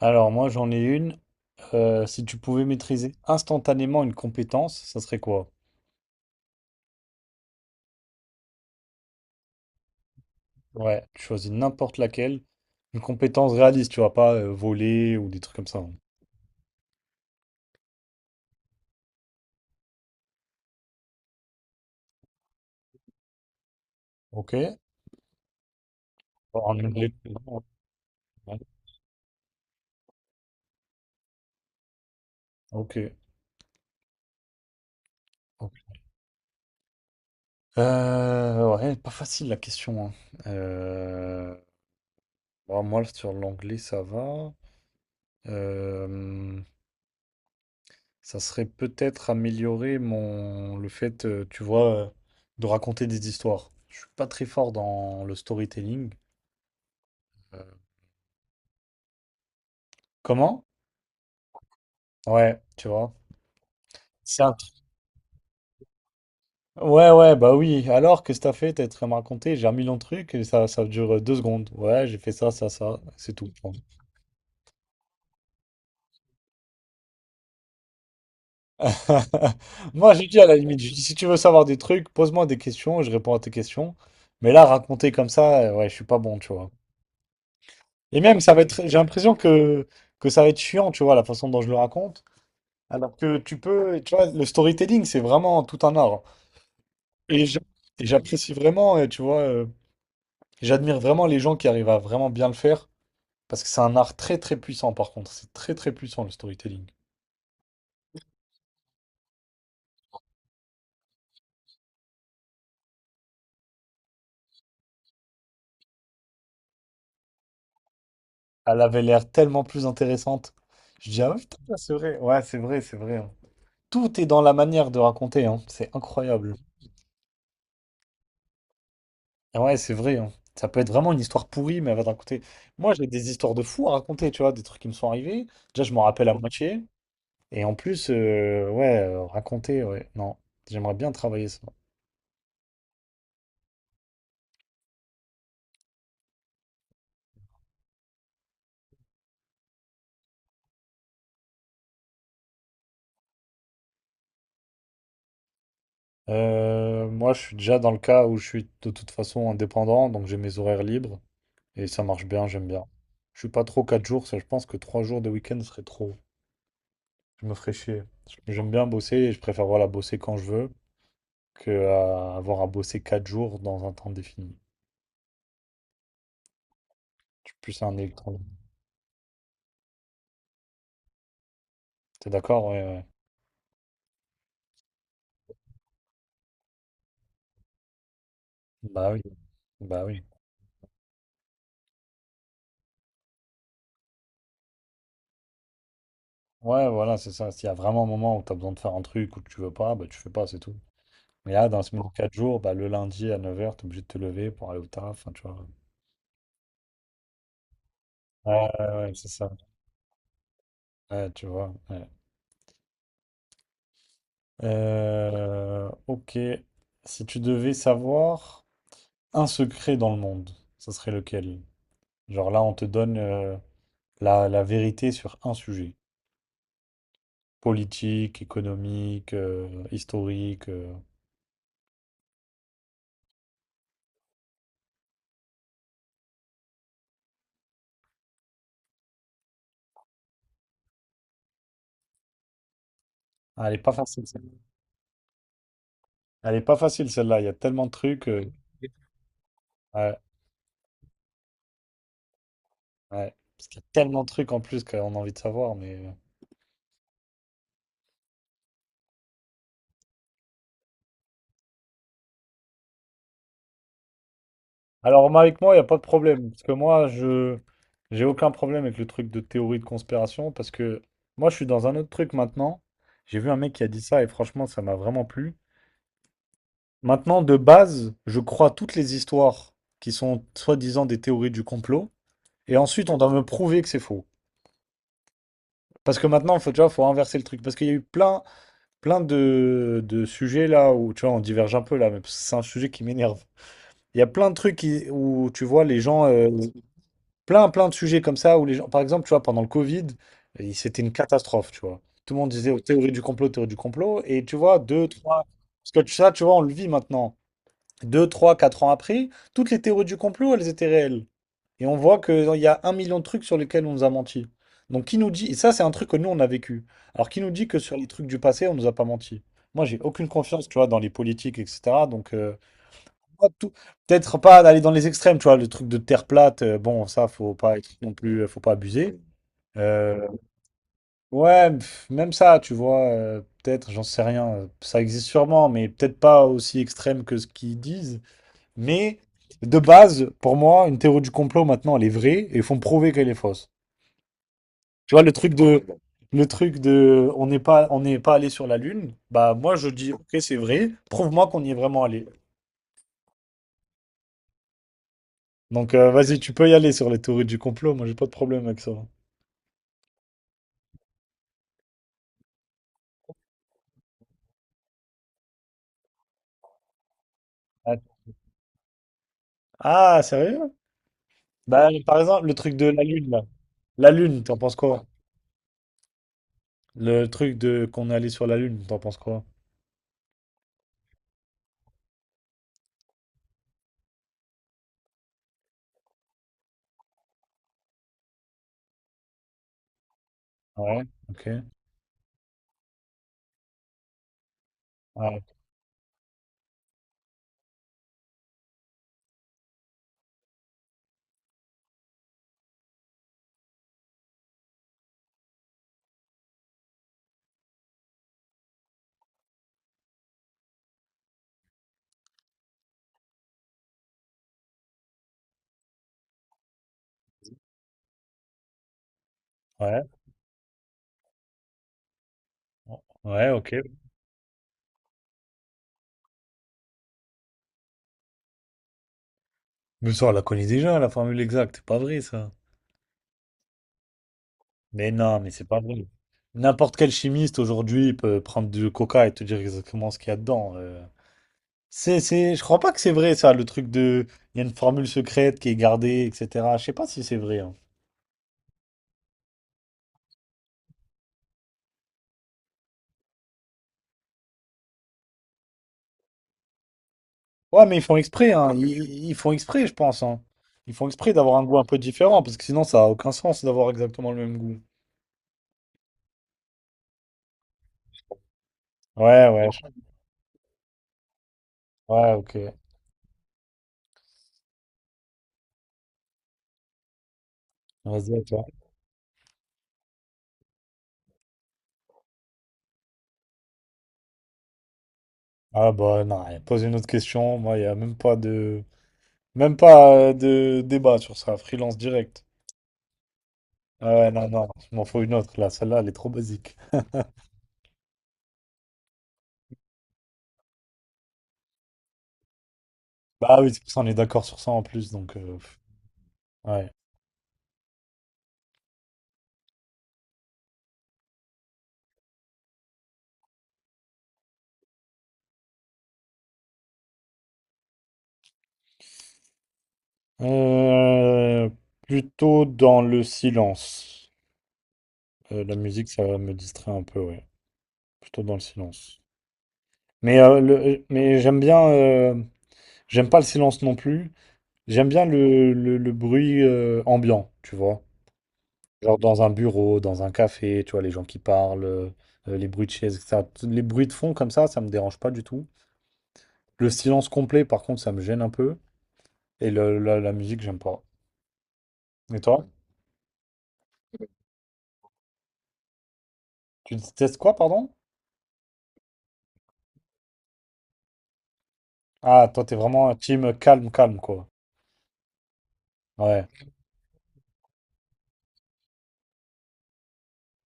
Alors moi j'en ai une. Si tu pouvais maîtriser instantanément une compétence, ça serait quoi? Ouais, tu choisis n'importe laquelle. Une compétence réaliste, tu vois, pas voler ou des trucs comme ça, hein. Ok. En anglais. Ok. Ok. Ouais, pas facile la question, hein. Euh, bon, moi sur l'anglais ça va. Euh, Ça serait peut-être améliorer mon le fait, tu vois, de raconter des histoires. Je suis pas très fort dans le storytelling. Euh, Comment? Ouais, tu vois. C'est un truc. Ouais, ouais, bah oui. Alors, qu'est-ce que t'as fait? T'as très me raconter. J'ai un million de trucs et ça dure deux secondes. Ouais, j'ai fait ça, ça, ça. C'est tout. Je Moi, j'ai dit à la limite, j'ai dit, si tu veux savoir des trucs, pose-moi des questions, je réponds à tes questions. Mais là, raconter comme ça, ouais, je suis pas bon, tu vois. Et même, ça va être, j'ai l'impression que, ça va être chiant, tu vois, la façon dont je le raconte. Alors que tu peux, tu vois, le storytelling, c'est vraiment tout un art. Et j'a- et j'apprécie vraiment, et tu vois, j'admire vraiment les gens qui arrivent à vraiment bien le faire. Parce que c'est un art très très puissant, par contre. C'est très très puissant, le storytelling. Elle avait l'air tellement plus intéressante. Je dis, ah ouais, putain, c'est vrai. Ouais, c'est vrai, c'est vrai, hein. Tout est dans la manière de raconter, hein. C'est incroyable. Ah ouais, c'est vrai, hein. Ça peut être vraiment une histoire pourrie, mais elle va te raconter. Moi, j'ai des histoires de fous à raconter, tu vois, des trucs qui me sont arrivés. Déjà, je m'en rappelle à moitié. Et en plus, ouais, raconter, ouais. Non, j'aimerais bien travailler ça. Moi, je suis déjà dans le cas où je suis de toute façon indépendant, donc j'ai mes horaires libres. Et ça marche bien, j'aime bien. Je suis pas trop 4 jours, ça, je pense que 3 jours de week-end serait trop. Je me ferais chier. J'aime bien bosser et je préfère voilà, bosser quand je veux que à avoir à bosser 4 jours dans un temps défini. Je suis plus un électron. T'es d'accord? Ouais, ouais. Bah oui, bah oui. Ouais, voilà, c'est ça. S'il y a vraiment un moment où tu as besoin de faire un truc ou que tu veux pas, bah tu fais pas, c'est tout. Mais là, dans la semaine de 4 jours, bah, le lundi à neuf heures t'es obligé de te lever pour aller au taf, enfin, tu vois. Ouais, ouais, ouais, c'est ça. Ouais, tu vois, ouais. Ok. Si tu devais savoir un secret dans le monde, ce serait lequel? Genre là, on te donne la vérité sur un sujet. Politique, économique, historique. Ah, elle est pas facile, celle-là. Elle est pas facile, celle-là. Il y a tellement de trucs. Ouais, ouais. Parce qu'il y a tellement de trucs en plus qu'on a envie de savoir, mais... Alors, moi, avec moi, il n'y a pas de problème. Parce que moi, je j'ai aucun problème avec le truc de théorie de conspiration. Parce que moi, je suis dans un autre truc maintenant. J'ai vu un mec qui a dit ça et franchement, ça m'a vraiment plu. Maintenant, de base, je crois toutes les histoires qui sont soi-disant des théories du complot. Et ensuite, on doit me prouver que c'est faux. Parce que maintenant, faut, tu vois, faut inverser le truc. Parce qu'il y a eu plein, plein de sujets là où, tu vois, on diverge un peu là, mais c'est un sujet qui m'énerve. Il y a plein de trucs où, tu vois, les gens. Plein, plein de sujets comme ça où les gens, par exemple, tu vois, pendant le Covid, c'était une catastrophe, tu vois. Tout le monde disait oh, théorie du complot, théorie du complot. Et tu vois, deux, trois, parce que ça, tu vois, on le vit maintenant. Deux, trois, quatre ans après, toutes les théories du complot, elles étaient réelles. Et on voit qu'il y a un million de trucs sur lesquels on nous a menti. Donc, qui nous dit, et ça, c'est un truc que nous, on a vécu. Alors, qui nous dit que sur les trucs du passé, on nous a pas menti? Moi, j'ai aucune confiance, tu vois, dans les politiques, etc. Donc, pas tout- peut-être pas d'aller dans les extrêmes, tu vois, le truc de terre plate, bon, ça, faut pas être non plus, faut pas abuser. Euh, ouais, pff, même ça, tu vois, peut-être, j'en sais rien, ça existe sûrement, mais peut-être pas aussi extrême que ce qu'ils disent. Mais de base, pour moi, une théorie du complot maintenant, elle est vraie et ils font prouver qu'elle est fausse. Tu vois, le truc de, on n'est pas allé sur la Lune, bah moi je dis, ok, c'est vrai, prouve-moi qu'on y est vraiment allé. Donc vas-y, tu peux y aller sur les théories du complot, moi j'ai pas de problème avec ça. Ah, ah, sérieux? Bah par exemple, le truc de la Lune là. La Lune, t'en penses quoi? Le truc de qu'on est allé sur la Lune, t'en penses quoi? Ouais, ok. Ah, ouais, ouais, ok. Mais ça, on la connaît déjà, la formule exacte, c'est pas vrai ça. Mais non, mais c'est pas vrai. N'importe quel chimiste aujourd'hui peut prendre du coca et te dire exactement ce qu'il y a dedans. C'est, je crois pas que c'est vrai ça, le truc de, il y a une formule secrète qui est gardée, etc. Je sais pas si c'est vrai, hein. Ouais, mais ils font exprès, hein. Ils font exprès, je pense, hein. Ils font exprès d'avoir un goût un peu différent, parce que sinon, ça a aucun sens d'avoir exactement le même goût. Ouais, ouais, ouais, ok. Vas-y, à toi. Ah bah non, allez, pose une autre question. Moi, il n'y a même pas de débat sur ça. Freelance direct. Ah ouais, non, non, il m'en faut une autre là. Celle-là, elle est trop basique. Bah oui, c'est pour ça on est d'accord sur ça en plus, donc pff, ouais. Euh, Plutôt dans le silence. La musique, ça me distrait un peu, ouais. Plutôt dans le silence. Mais, mais j'aime bien, j'aime pas le silence non plus. J'aime bien le bruit ambiant, tu vois. Genre dans un bureau, dans un café, tu vois, les gens qui parlent, les bruits de chaises, etc. Les bruits de fond comme ça me dérange pas du tout. Le silence complet, par contre, ça me gêne un peu. Et la musique, j'aime pas. Et toi? Tu détestes quoi, pardon? Ah, toi, t'es vraiment un team calme, calme, quoi. Ouais.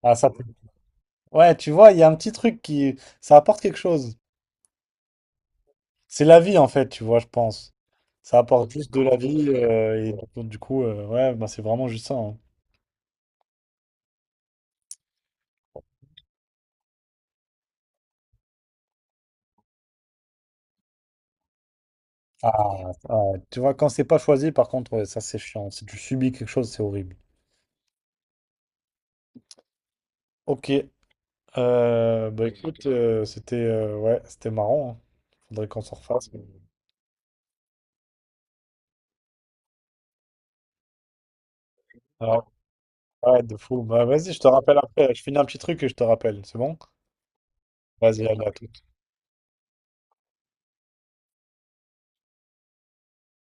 Ah, ça, ouais, tu vois, il y a un petit truc qui. Ça apporte quelque chose. C'est la vie en fait, tu vois, je pense. Ça apporte juste de la vie et ouais. Du coup, ouais, bah, c'est vraiment juste ça, hein. Ah, ah, tu vois, quand c'est pas choisi, par contre, ouais, ça c'est chiant. Si tu subis quelque chose, c'est horrible. Ok, bah écoute, c'était ouais, c'était marrant, hein. Faudrait qu'on se refasse. Alors, ouais, de fou. Bah vas-y, je te rappelle après. Je finis un petit truc et je te rappelle. C'est bon? Vas-y, allez, à tout.